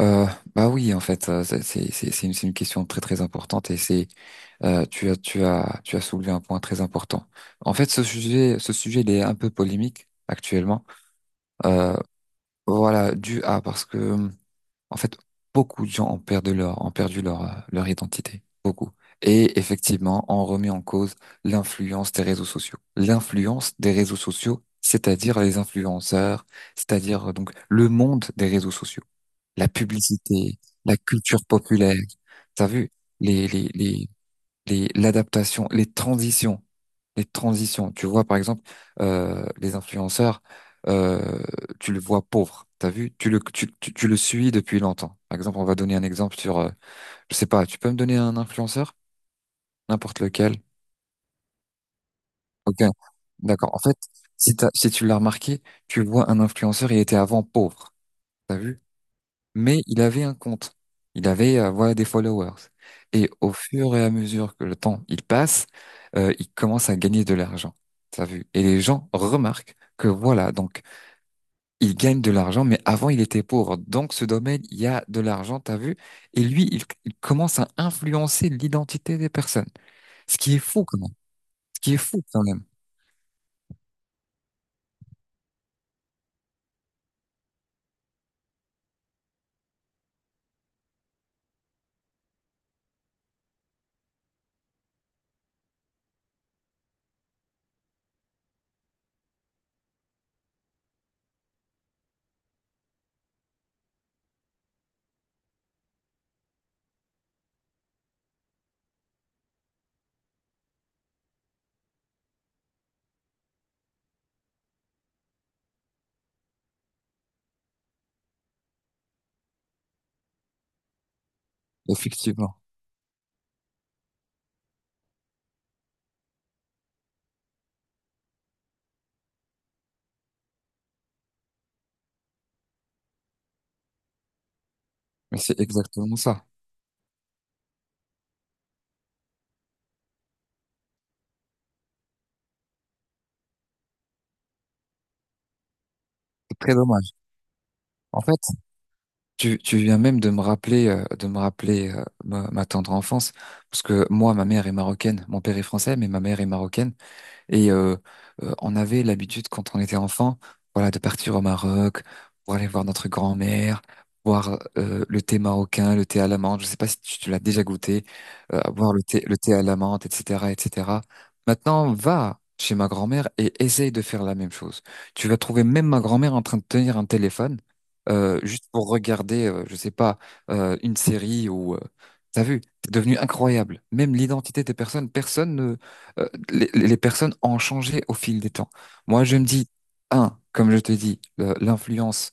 Euh, bah oui, en fait, c'est une question très très importante et c'est tu as soulevé un point très important. En fait, ce sujet il est un peu polémique actuellement. Euh, voilà, dû à parce que en fait beaucoup de gens ont perdu leur leur identité, beaucoup. Et effectivement, on remet en cause l'influence des réseaux sociaux. L'influence des réseaux sociaux, c'est-à-dire les influenceurs, c'est-à-dire donc le monde des réseaux sociaux, la publicité, la culture populaire. T'as vu les les les les l'adaptation, les transitions. Tu vois par exemple les influenceurs, euh, tu le vois pauvre. T'as vu? Tu le suis depuis longtemps. Par exemple, on va donner un exemple sur je sais pas. Tu peux me donner un influenceur, n'importe lequel. Ok, d'accord. En fait, si si tu l'as remarqué, tu vois un influenceur, il était avant pauvre. T'as vu? Mais il avait un compte. Il avait voilà des followers. Et au fur et à mesure que le temps il passe, il commence à gagner de l'argent. T'as vu? Et les gens remarquent que voilà, donc il gagne de l'argent, mais avant il était pauvre. Donc ce domaine, il y a de l'argent, t'as vu? Et lui, il commence à influencer l'identité des personnes. Ce qui est fou quand même. Ce qui est fou quand même. Effectivement, mais c'est exactement ça. C'est très dommage. En fait, tu viens même de me rappeler ma tendre enfance, parce que moi, ma mère est marocaine, mon père est français, mais ma mère est marocaine. Et on avait l'habitude quand on était enfant, voilà, de partir au Maroc pour aller voir notre grand-mère, boire le thé marocain, le thé à la menthe. Je sais pas si tu l'as déjà goûté, boire le thé à la menthe, etc., etc. Maintenant, va chez ma grand-mère et essaye de faire la même chose. Tu vas trouver même ma grand-mère en train de tenir un téléphone juste pour regarder, je sais pas, une série ou t'as vu, c'est devenu incroyable. Même l'identité des personnes, personne ne, les personnes ont changé au fil des temps. Moi, je me dis, un, comme je te dis, l'influence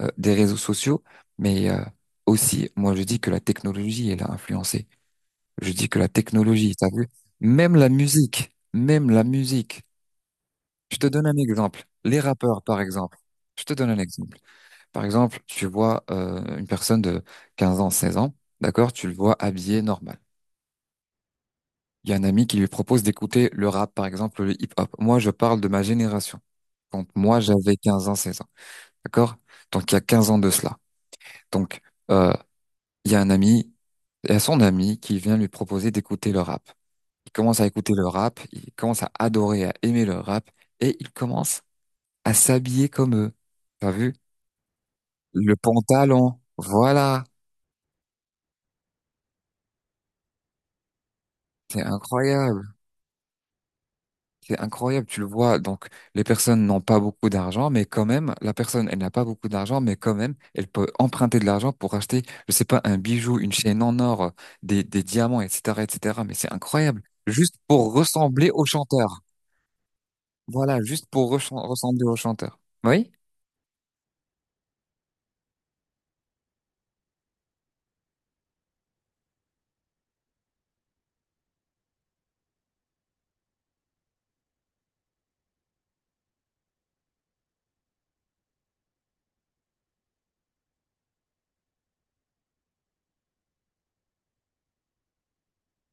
des réseaux sociaux, mais aussi, moi, je dis que la technologie, elle a influencé. Je dis que la technologie, t'as vu, même la musique, même la musique. Je te donne un exemple. Les rappeurs, par exemple. Je te donne un exemple. Par exemple, tu vois une personne de 15 ans, 16 ans, d'accord, tu le vois habillé normal. Il y a un ami qui lui propose d'écouter le rap, par exemple, le hip-hop. Moi, je parle de ma génération, quand moi j'avais 15 ans, 16 ans. D'accord? Donc il y a 15 ans de cela. Donc euh, il y a un ami, il y a son ami qui vient lui proposer d'écouter le rap. Il commence à écouter le rap, il commence à adorer, à aimer le rap, et il commence à s'habiller comme eux. T'as vu? Le pantalon, voilà, c'est incroyable. C'est incroyable, tu le vois. Donc, les personnes n'ont pas beaucoup d'argent, mais quand même, la personne, elle n'a pas beaucoup d'argent, mais quand même, elle peut emprunter de l'argent pour acheter, je sais pas, un bijou, une chaîne en or, des diamants, etc., etc. Mais c'est incroyable. Juste pour ressembler au chanteur. Voilà, juste pour ressembler au chanteur. Oui?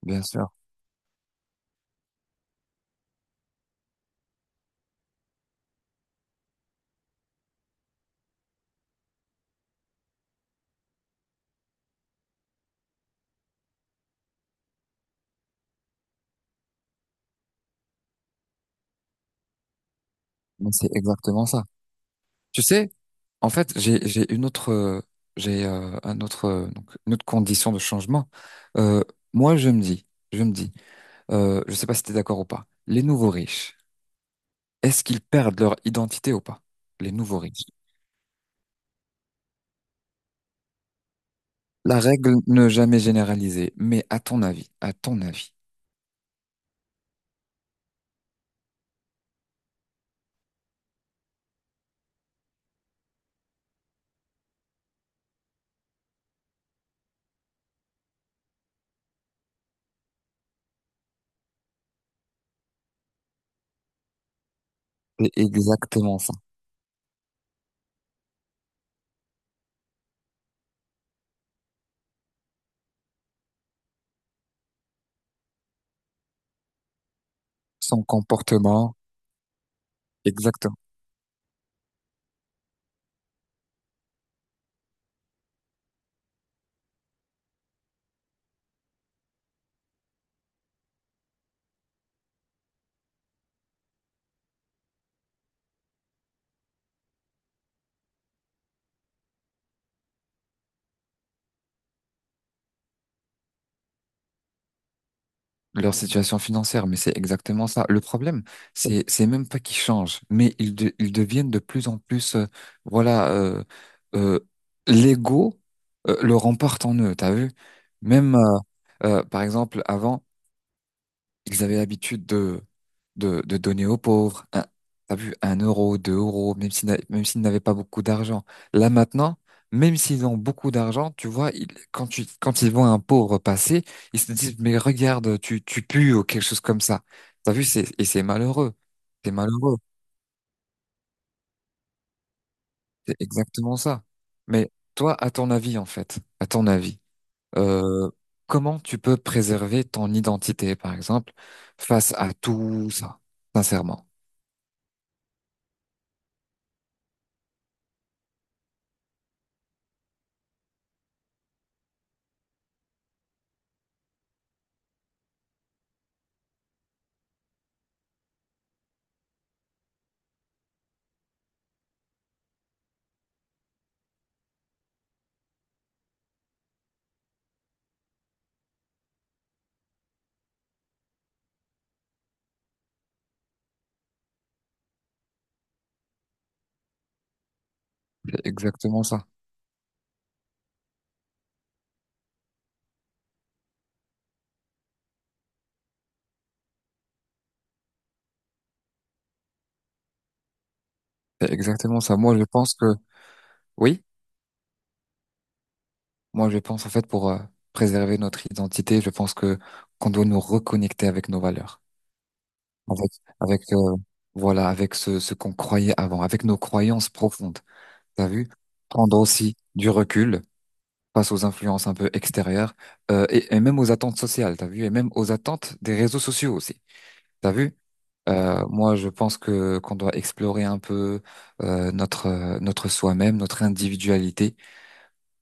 Bien sûr. Mais c'est exactement ça. Tu sais, en fait, j'ai une autre, un autre, donc, une autre condition de changement. Euh, moi, je me dis, je me dis, je sais pas si tu es d'accord ou pas, les nouveaux riches, est-ce qu'ils perdent leur identité ou pas? Les nouveaux riches. La règle ne jamais généraliser, mais à ton avis, c'est exactement ça. Son comportement, exactement. Leur situation financière, mais c'est exactement ça. Le problème, c'est même pas qu'ils changent, mais ils deviennent de plus en plus, voilà, euh, euh, l'ego le remporte en eux. T'as vu? Même par exemple avant. Ils avaient l'habitude de donner aux pauvres, un, t'as vu, 1 euro, 2 euros, même s'ils n'a- même s'ils n'avaient pas beaucoup d'argent. Là maintenant, même s'ils ont beaucoup d'argent, tu vois, quand ils voient un pauvre passer, ils se disent, mais regarde, tu pues ou quelque chose comme ça. T'as vu, et c'est malheureux. C'est malheureux. C'est exactement ça. Mais toi, à ton avis, en fait, à ton avis, euh, comment tu peux préserver ton identité, par exemple, face à tout ça, sincèrement? C'est exactement ça. C'est exactement ça. Moi, je pense que, oui, moi, je pense en fait pour préserver notre identité, je pense que qu'on doit nous reconnecter avec nos valeurs, avec, avec voilà, avec ce qu'on croyait avant, avec nos croyances profondes. T'as vu? Prendre aussi du recul face aux influences un peu extérieures et même aux attentes sociales. T'as vu? Et même aux attentes des réseaux sociaux aussi. T'as vu? Moi, je pense que qu'on doit explorer un peu notre notre soi-même, notre individualité,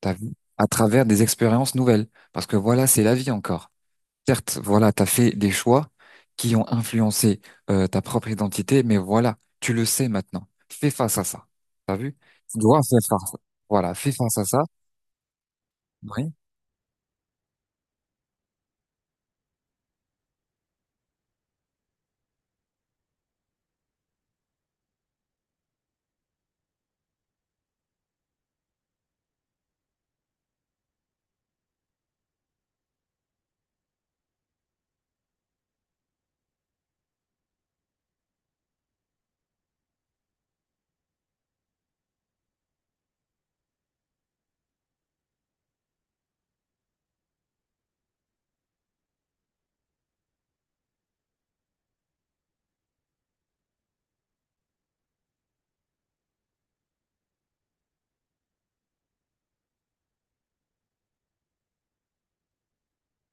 t'as vu, à travers des expériences nouvelles. Parce que voilà, c'est la vie encore. Certes, voilà, t'as fait des choix qui ont influencé ta propre identité, mais voilà, tu le sais maintenant. Fais face à ça. T'as vu? Tu dois faire face. Voilà, fais face à ça. Oui,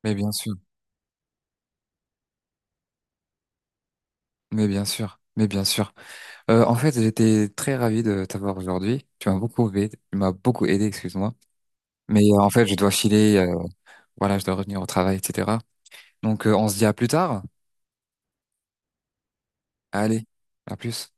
mais bien sûr, mais bien sûr, mais bien sûr. En fait, j'étais très ravi de t'avoir aujourd'hui. Tu m'as beaucoup aidé, tu m'as beaucoup aidé, excuse-moi. Mais en fait, je dois filer, voilà, je dois revenir au travail, etc. Donc, on se dit à plus tard. Allez, à plus.